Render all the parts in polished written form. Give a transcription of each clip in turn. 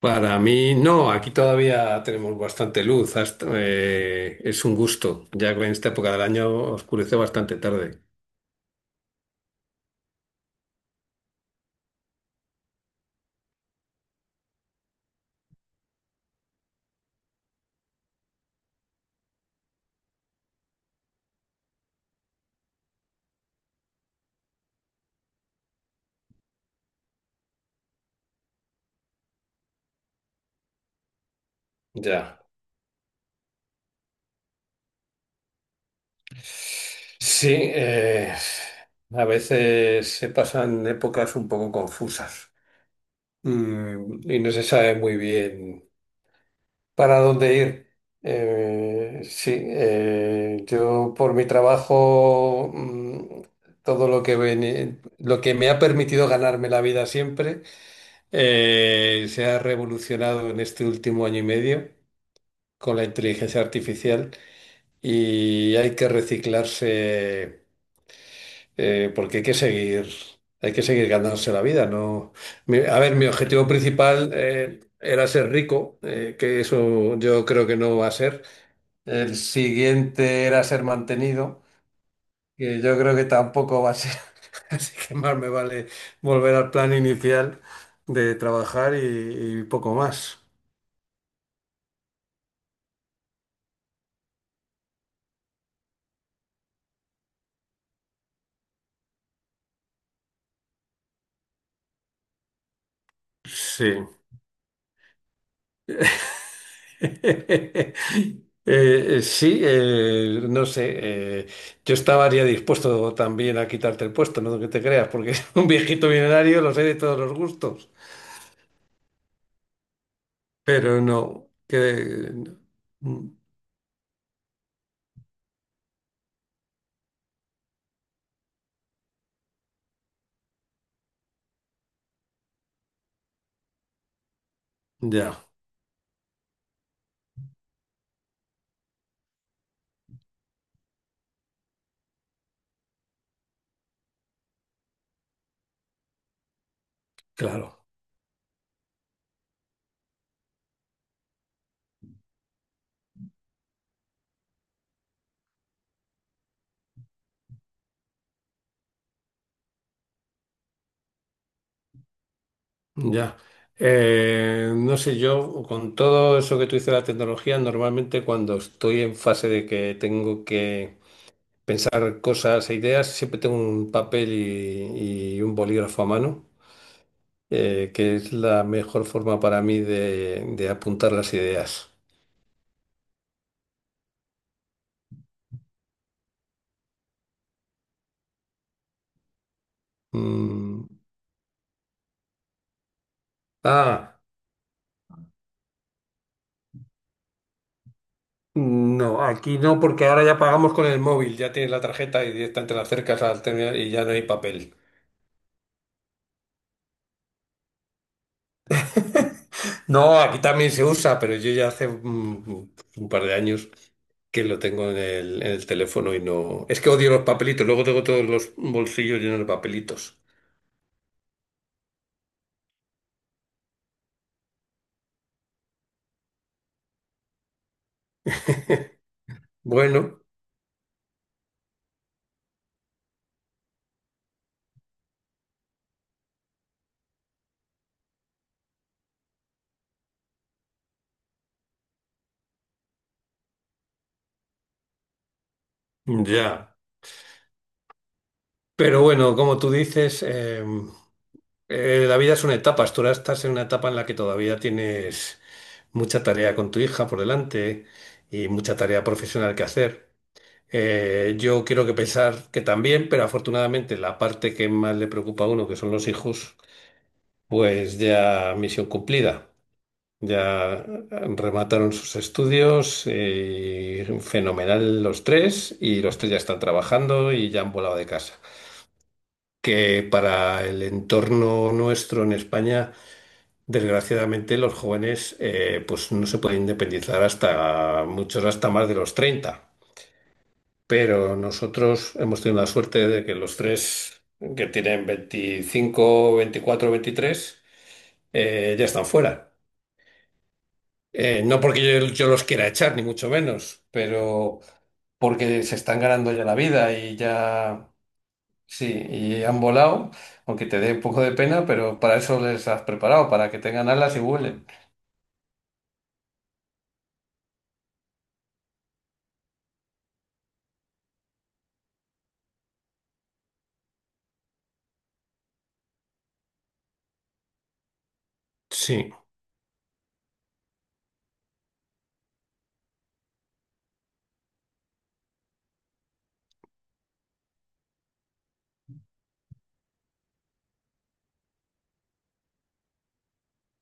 Para mí, no, aquí todavía tenemos bastante luz. Es un gusto, ya que en esta época del año oscurece bastante tarde. Ya. Sí, a veces se pasan épocas un poco confusas. Mm, y no se sabe muy bien para dónde ir. Sí, yo por mi trabajo, todo lo que, lo que me ha permitido ganarme la vida siempre. Se ha revolucionado en este último año y medio con la inteligencia artificial, y hay que reciclarse, porque hay que seguir ganándose la vida, ¿no? A ver, mi objetivo principal, era ser rico, que eso yo creo que no va a ser. El siguiente era ser mantenido, que yo creo que tampoco va a ser. Así que más me vale volver al plan inicial de trabajar y poco más. Sí. Sí, no sé. Yo estaría dispuesto también a quitarte el puesto, no que te creas, porque un viejito millonario los hay de todos los gustos. Pero no, que... mm. Ya, claro, ya. No sé, yo con todo eso que tú dices de la tecnología, normalmente cuando estoy en fase de que tengo que pensar cosas e ideas, siempre tengo un papel y un bolígrafo a mano. Que es la mejor forma para mí de apuntar las ideas. Mm. Ah, no, aquí no, porque ahora ya pagamos con el móvil, ya tienes la tarjeta y directamente la acercas al terminal y ya no hay papel. No, aquí también se usa, pero yo ya hace un par de años que lo tengo en el teléfono y no... Es que odio los papelitos, luego tengo todos los bolsillos llenos de papelitos. Bueno, ya. Pero bueno, como tú dices, la vida es una etapa, tú ahora estás en una etapa en la que todavía tienes mucha tarea con tu hija por delante y mucha tarea profesional que hacer. Yo quiero que pensar que también, pero afortunadamente la parte que más le preocupa a uno, que son los hijos, pues ya misión cumplida. Ya remataron sus estudios, fenomenal los tres, y los tres ya están trabajando y ya han volado de casa. Que para el entorno nuestro en España, desgraciadamente los jóvenes, pues no se pueden independizar hasta muchos hasta más de los 30. Pero nosotros hemos tenido la suerte de que los tres que tienen 25, 24, veintitrés, ya están fuera. No porque yo, los quiera echar, ni mucho menos, pero porque se están ganando ya la vida y ya sí, y han volado, aunque te dé un poco de pena, pero para eso les has preparado, para que tengan alas y vuelen. Sí,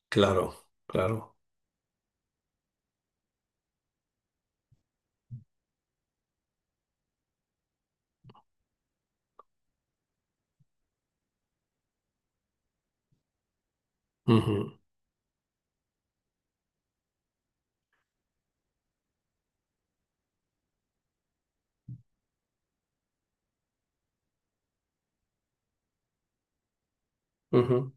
claro, claro. Ujú, ujú.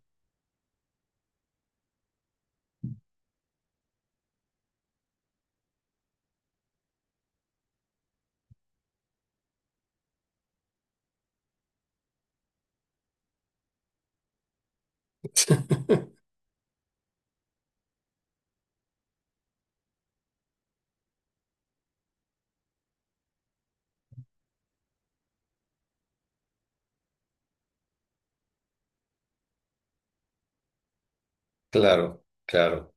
Claro, claro.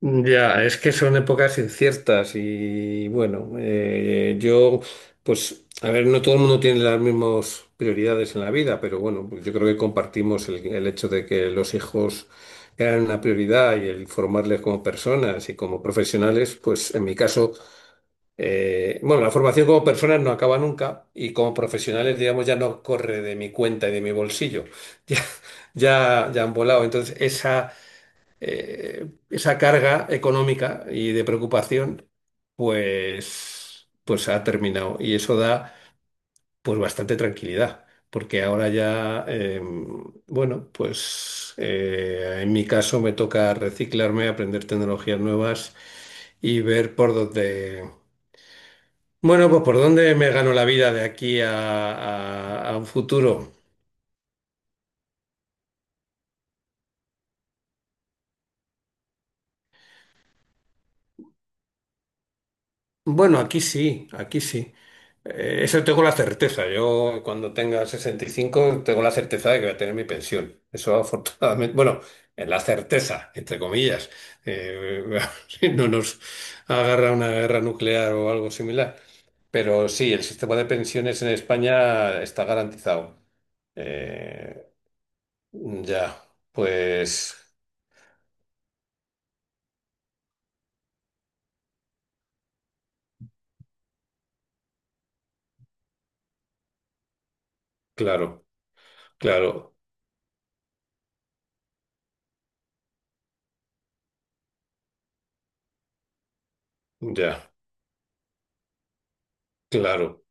Ya, es que son épocas inciertas y bueno, yo, pues, a ver, no todo el mundo tiene las mismas prioridades en la vida, pero bueno, pues yo creo que compartimos el hecho de que los hijos eran una prioridad y el formarles como personas y como profesionales, pues en mi caso. Bueno, la formación como personas no acaba nunca y como profesionales, digamos, ya no corre de mi cuenta y de mi bolsillo. Ya, ya, ya han volado. Entonces, esa, esa carga económica y de preocupación, pues ha terminado. Y eso da, pues, bastante tranquilidad. Porque ahora ya, bueno, pues en mi caso me toca reciclarme, aprender tecnologías nuevas y ver por dónde. Bueno, pues ¿por dónde me gano la vida de aquí a un futuro? Bueno, aquí sí, aquí sí. Eso tengo la certeza. Yo cuando tenga 65 tengo la certeza de que voy a tener mi pensión. Eso afortunadamente, bueno, en la certeza, entre comillas. Eh, si no nos agarra una guerra nuclear o algo similar. Pero sí, el sistema de pensiones en España está garantizado. Eh, ya, pues claro, claro. Ya, claro.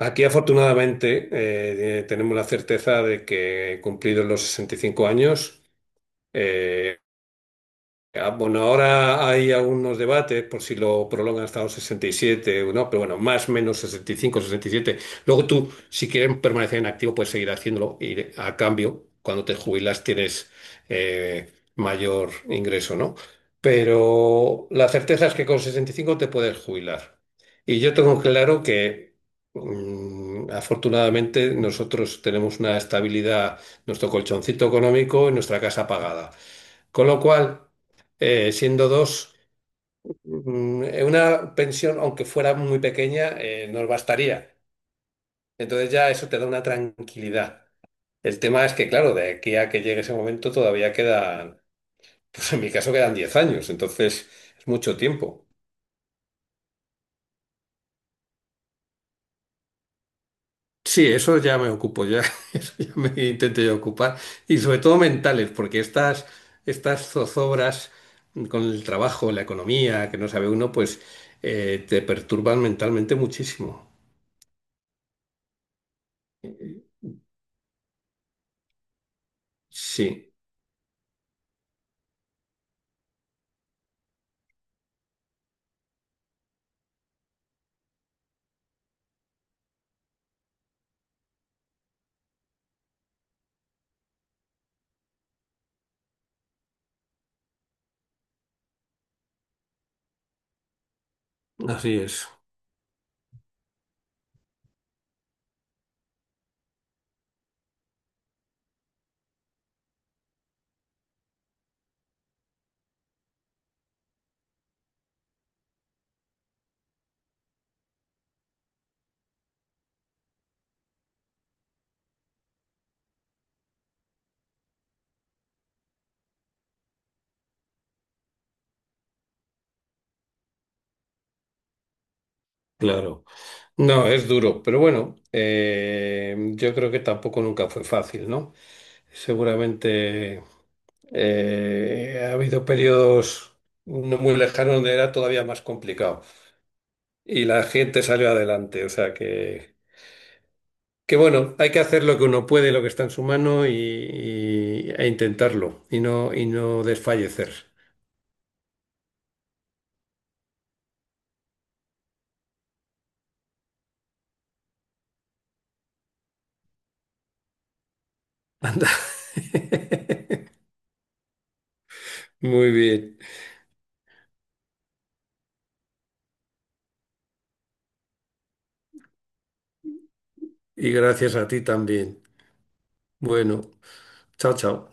Aquí afortunadamente, tenemos la certeza de que cumplidos los 65 años, eh, ah, bueno, ahora hay algunos debates por si lo prolongan hasta los 67 o no, pero bueno, más o menos 65, 67. Luego tú, si quieres permanecer en activo, puedes seguir haciéndolo y a cambio, cuando te jubilas tienes, eh, mayor ingreso, ¿no? Pero la certeza es que con 65 te puedes jubilar. Y yo tengo claro que, afortunadamente, nosotros tenemos una estabilidad, nuestro colchoncito económico y nuestra casa pagada. Con lo cual, siendo dos, una pensión, aunque fuera muy pequeña, nos bastaría. Entonces ya eso te da una tranquilidad. El tema es que, claro, de aquí a que llegue ese momento todavía quedan, pues en mi caso quedan 10 años, entonces es mucho tiempo. Sí, eso ya me ocupo, ya, eso ya me intento yo ocupar. Y sobre todo mentales, porque estas, estas zozobras con el trabajo, la economía, que no sabe uno, pues te perturban mentalmente muchísimo. Sí, así es, claro. No, es duro, pero bueno, yo creo que tampoco nunca fue fácil, ¿no? Seguramente, ha habido periodos no muy lejanos donde era todavía más complicado y la gente salió adelante, o sea que bueno, hay que hacer lo que uno puede, lo que está en su mano e intentarlo y no desfallecer. Anda. Muy bien, y gracias a ti también. Bueno. Chao, chao.